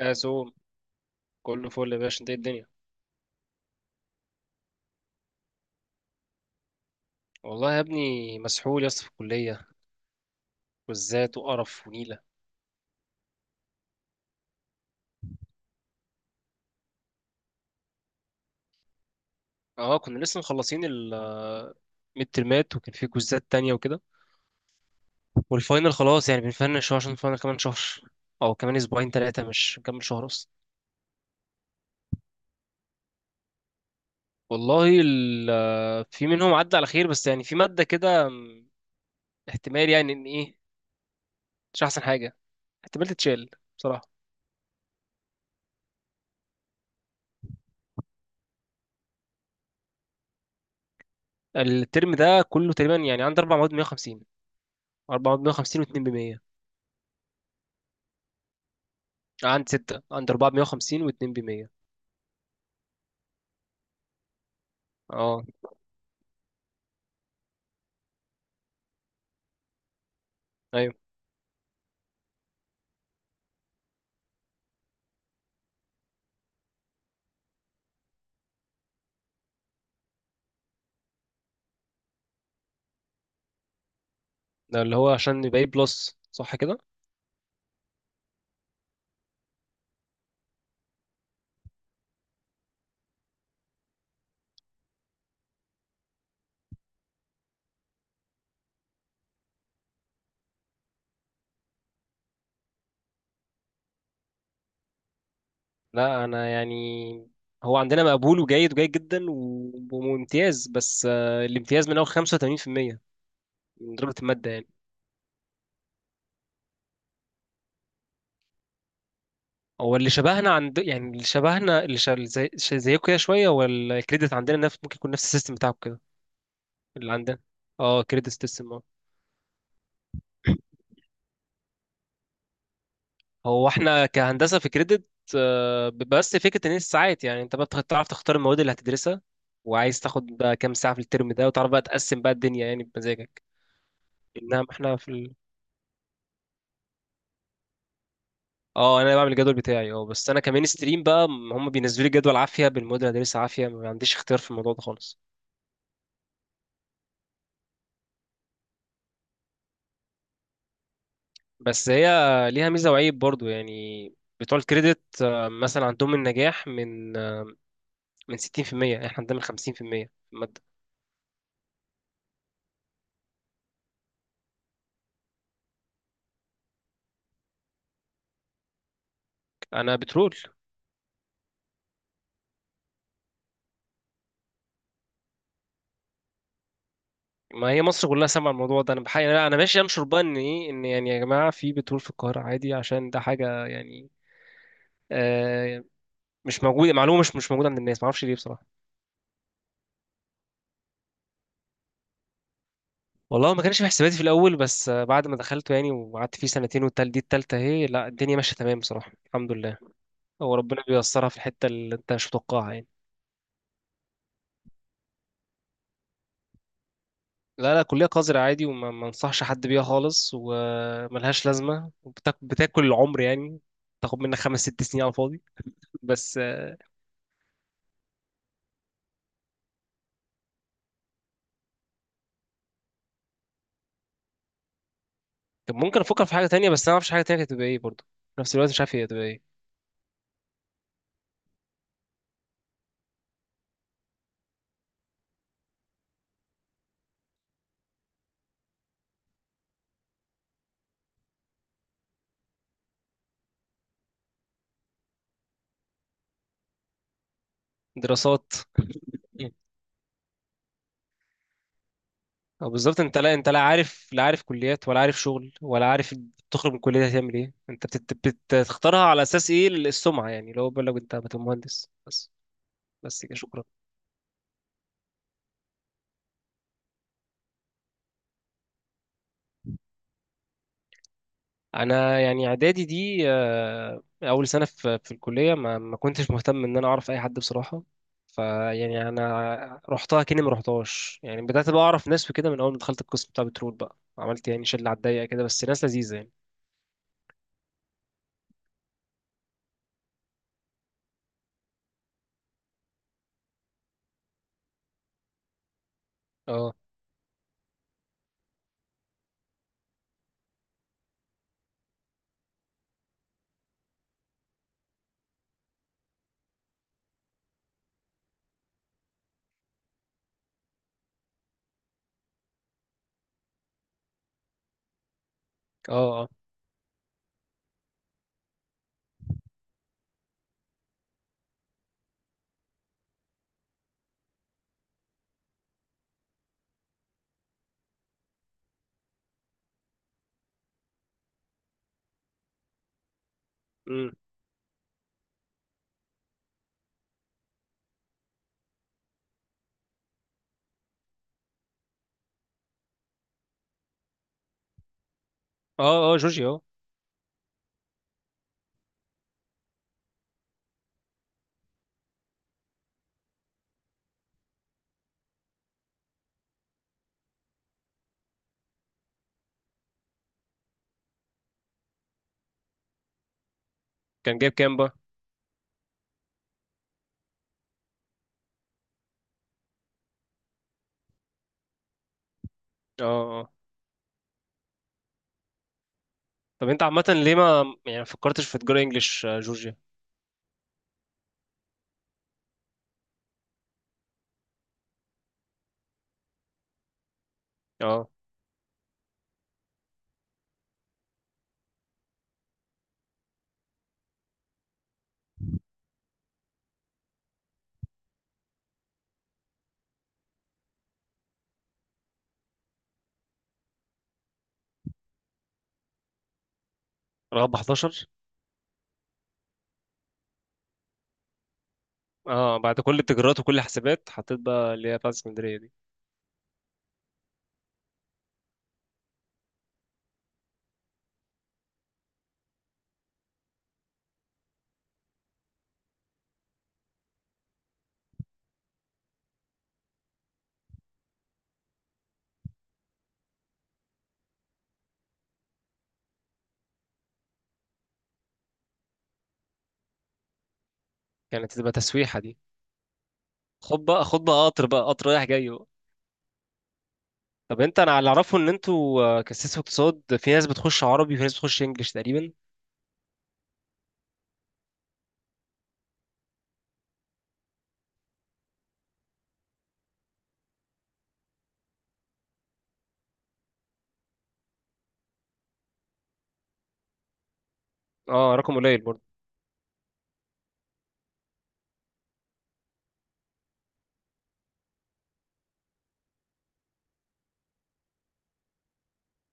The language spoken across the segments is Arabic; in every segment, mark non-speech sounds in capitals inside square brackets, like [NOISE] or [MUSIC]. أزوم. كله فل يا باشا، انت ايه الدنيا؟ والله يا ابني مسحول يا اسطى في الكلية، كوزات وقرف ونيلة. اه، كنا لسه مخلصين ال ميد ترمات وكان في كوزات تانية وكده. والفاينل خلاص يعني بنفنش، هو عشان الفاينل كمان شهر، او كمان اسبوعين تلاتة مش كمان شهر اصلا. والله في منهم عدى على خير، بس يعني في مادة كده احتمال يعني ان ايه، مش احسن حاجة، احتمال تتشال بصراحة. الترم ده كله تقريبا يعني عندي اربع مواد 150، و2 ب100. عندي ستة، عند أربعة بمية وخمسين واتنين بمية. اه. أيوه، ده اللي هو عشان يبقى إيه بلس صح كده؟ لا أنا يعني، هو عندنا مقبول وجيد وجيد جدا وممتاز، بس الامتياز من أول 85% من درجة المادة يعني. هو اللي شبهنا عند، يعني اللي شبهنا اللي شا... زي... شا- زيكم كده شوية. هو الكريدت عندنا نفس، ممكن يكون نفس السيستم بتاعكم كده، اللي عندنا. اه كريدت سيستم، اه. هو احنا كهندسه في كريدت بس فكره ان هي الساعات، يعني انت بقى تعرف تختار المواد اللي هتدرسها، وعايز تاخد بقى كام ساعه في الترم ده، وتعرف بقى تقسم بقى الدنيا يعني بمزاجك. انما احنا في ال... اه، انا بعمل الجدول بتاعي، اه بس انا كمان ستريم بقى هم بينزلوا لي جدول عافيه بالمواد اللي هدرسها عافيه، ما عنديش اختيار في الموضوع ده خالص. بس هي ليها ميزه وعيب برضو يعني، بتوع الكريدت مثلا عندهم النجاح من من 60%، احنا عندنا من 50% في المية في الماده. انا بترول. ما هي مصر كلها سامعه الموضوع ده، انا بحقيقة لا انا ماشي انشر بقى ان ايه، ان يعني يا جماعه في بترول في القاهره عادي، عشان ده حاجه يعني آه مش موجوده، معلومه مش موجوده عند الناس، ما اعرفش ليه بصراحه. والله ما كانش في حساباتي في الاول، بس بعد ما دخلته يعني وقعدت فيه سنتين، والتال دي التالتة اهي، لا الدنيا ماشيه تمام بصراحه الحمد لله. هو ربنا بييسرها في الحته اللي انت مش متوقعها يعني. لا لا، كلية قذرة عادي، وما ما انصحش حد بيها خالص، وملهاش لازمة وبتاكل العمر يعني، تاخد منك خمس ست سنين على الفاضي. بس. طب ممكن افكر في حاجه تانية، بس انا ما اعرفش حاجه تانية كانت هتبقى ايه برضه، في نفس الوقت مش عارف هي هتبقى ايه. دراسات. مم. أو بالظبط، انت لا، انت لا عارف، لا عارف كليات، ولا عارف شغل، ولا عارف تخرج من الكليه هتعمل ايه. انت بتختارها على اساس ايه؟ السمعه يعني، لو بقول لك انت هتبقى مهندس بس، بس كده شكرا. انا يعني اعدادي دي اول سنه في الكليه ما كنتش مهتم ان انا اعرف اي حد بصراحه. فيعني انا رحتها كاني ما رحتهاش يعني، بدات بقى اعرف ناس وكده من اول ما دخلت القسم بتاع بترول، بقى عملت يعني شله على الضيقه كده، بس ناس لذيذه يعني. اه، اه، اه. امم. اه، اه جورجي، اه. كان جايب كام بقى؟ اه، اه آه. طب انت عامه ليه ما يعني فكرتش في تجاره انجليش جورجيا؟ اه، رغب 11. اه بعد كل التجارات وكل الحسابات حطيت بقى اللي هي بتاعت اسكندريه دي. كانت تبقى تسويحه دي، خد بقى خد بقى قطر بقى قطر رايح جاي بقى. طب انت، انا اللي اعرفه ان انتوا كسيس اقتصاد في ناس بتخش عربي وفي ناس بتخش انجلش تقريبا. اه، رقم قليل برضه.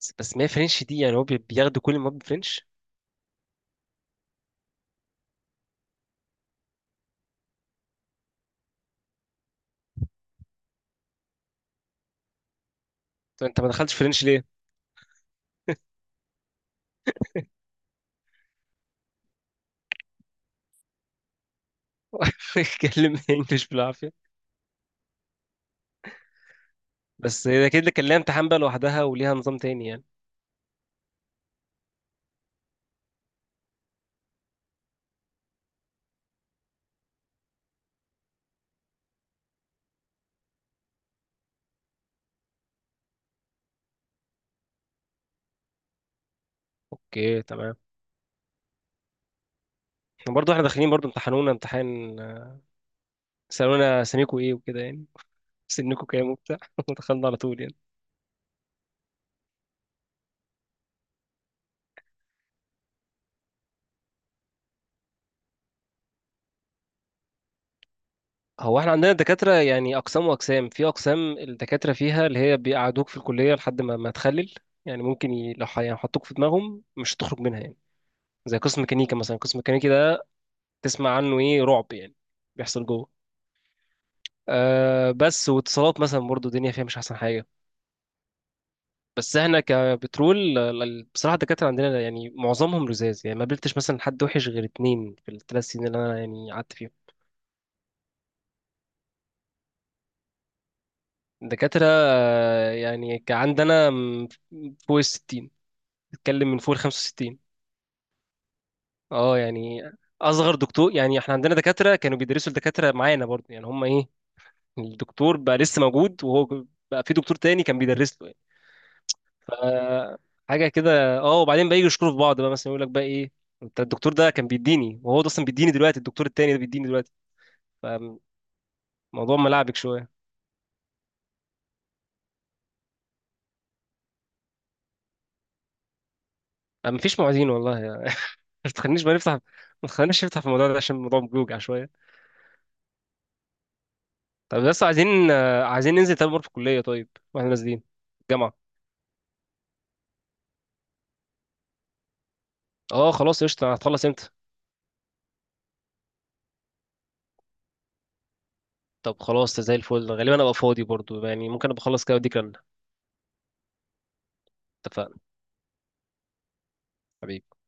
بس، بس ما هي فرنش دي يعني هو بياخدوا كل المواد فرنش؟ طب انت ما دخلتش فرنش ليه؟ [LAUGHS] اتكلم انجلش بالعافيه. بس ده كده كان لها امتحان بقى لوحدها وليها نظام تاني يعني. اوكي تمام. برضه احنا داخلين برضه امتحانونا امتحان سالونا سميكوا ايه وكده يعني. [LAUGHS] سنكوا كام وبتاع [LAUGHS] ودخلنا على طول يعني. هو احنا عندنا دكاترة يعني، أقسام وأقسام، في أقسام الدكاترة فيها اللي هي بيقعدوك في الكلية لحد ما تخلل، يعني ممكن يعني حطوك في دماغهم مش هتخرج منها يعني، زي قسم ميكانيكا مثلا، قسم ميكانيكي ده تسمع عنه إيه رعب يعني بيحصل جوه. أه، بس واتصالات مثلا برضو الدنيا فيها مش أحسن حاجة. بس احنا كبترول بصراحة الدكاترة عندنا يعني معظمهم لزاز يعني، ما قابلتش مثلا حد وحش غير اتنين في الثلاث سنين اللي أنا يعني قعدت فيهم. الدكاترة يعني عندنا فوق الستين، بتتكلم من فوق ال 65. اه يعني، اصغر دكتور يعني احنا عندنا دكاتره كانوا بيدرسوا الدكاتره معانا برضه يعني، هم ايه الدكتور بقى لسه موجود، وهو بقى في دكتور تاني كان بيدرس له يعني. ف حاجه كده اه. وبعدين بقى يجوا يشكروا في بعض بقى، مثلا يقول لك بقى ايه، انت الدكتور ده كان بيديني، وهو ده اصلا بيديني دلوقتي، الدكتور التاني ده بيديني دلوقتي. فموضوع ملعبك شويه. ما فيش معيدين والله يعني. [LAUGHS] ما تخلينيش نفتح في الموضوع ده عشان الموضوع بيوجع شويه. طب بس عايزين عايزين ننزل تاني مره في الكليه طيب، واحنا نازلين الجامعه. اه خلاص قشطة، هتخلص امتى؟ طب خلاص زي الفل، غالبا ابقى فاضي برضو يعني، ممكن ابقى اخلص كده واديك رنة. اتفقنا. حبيبي.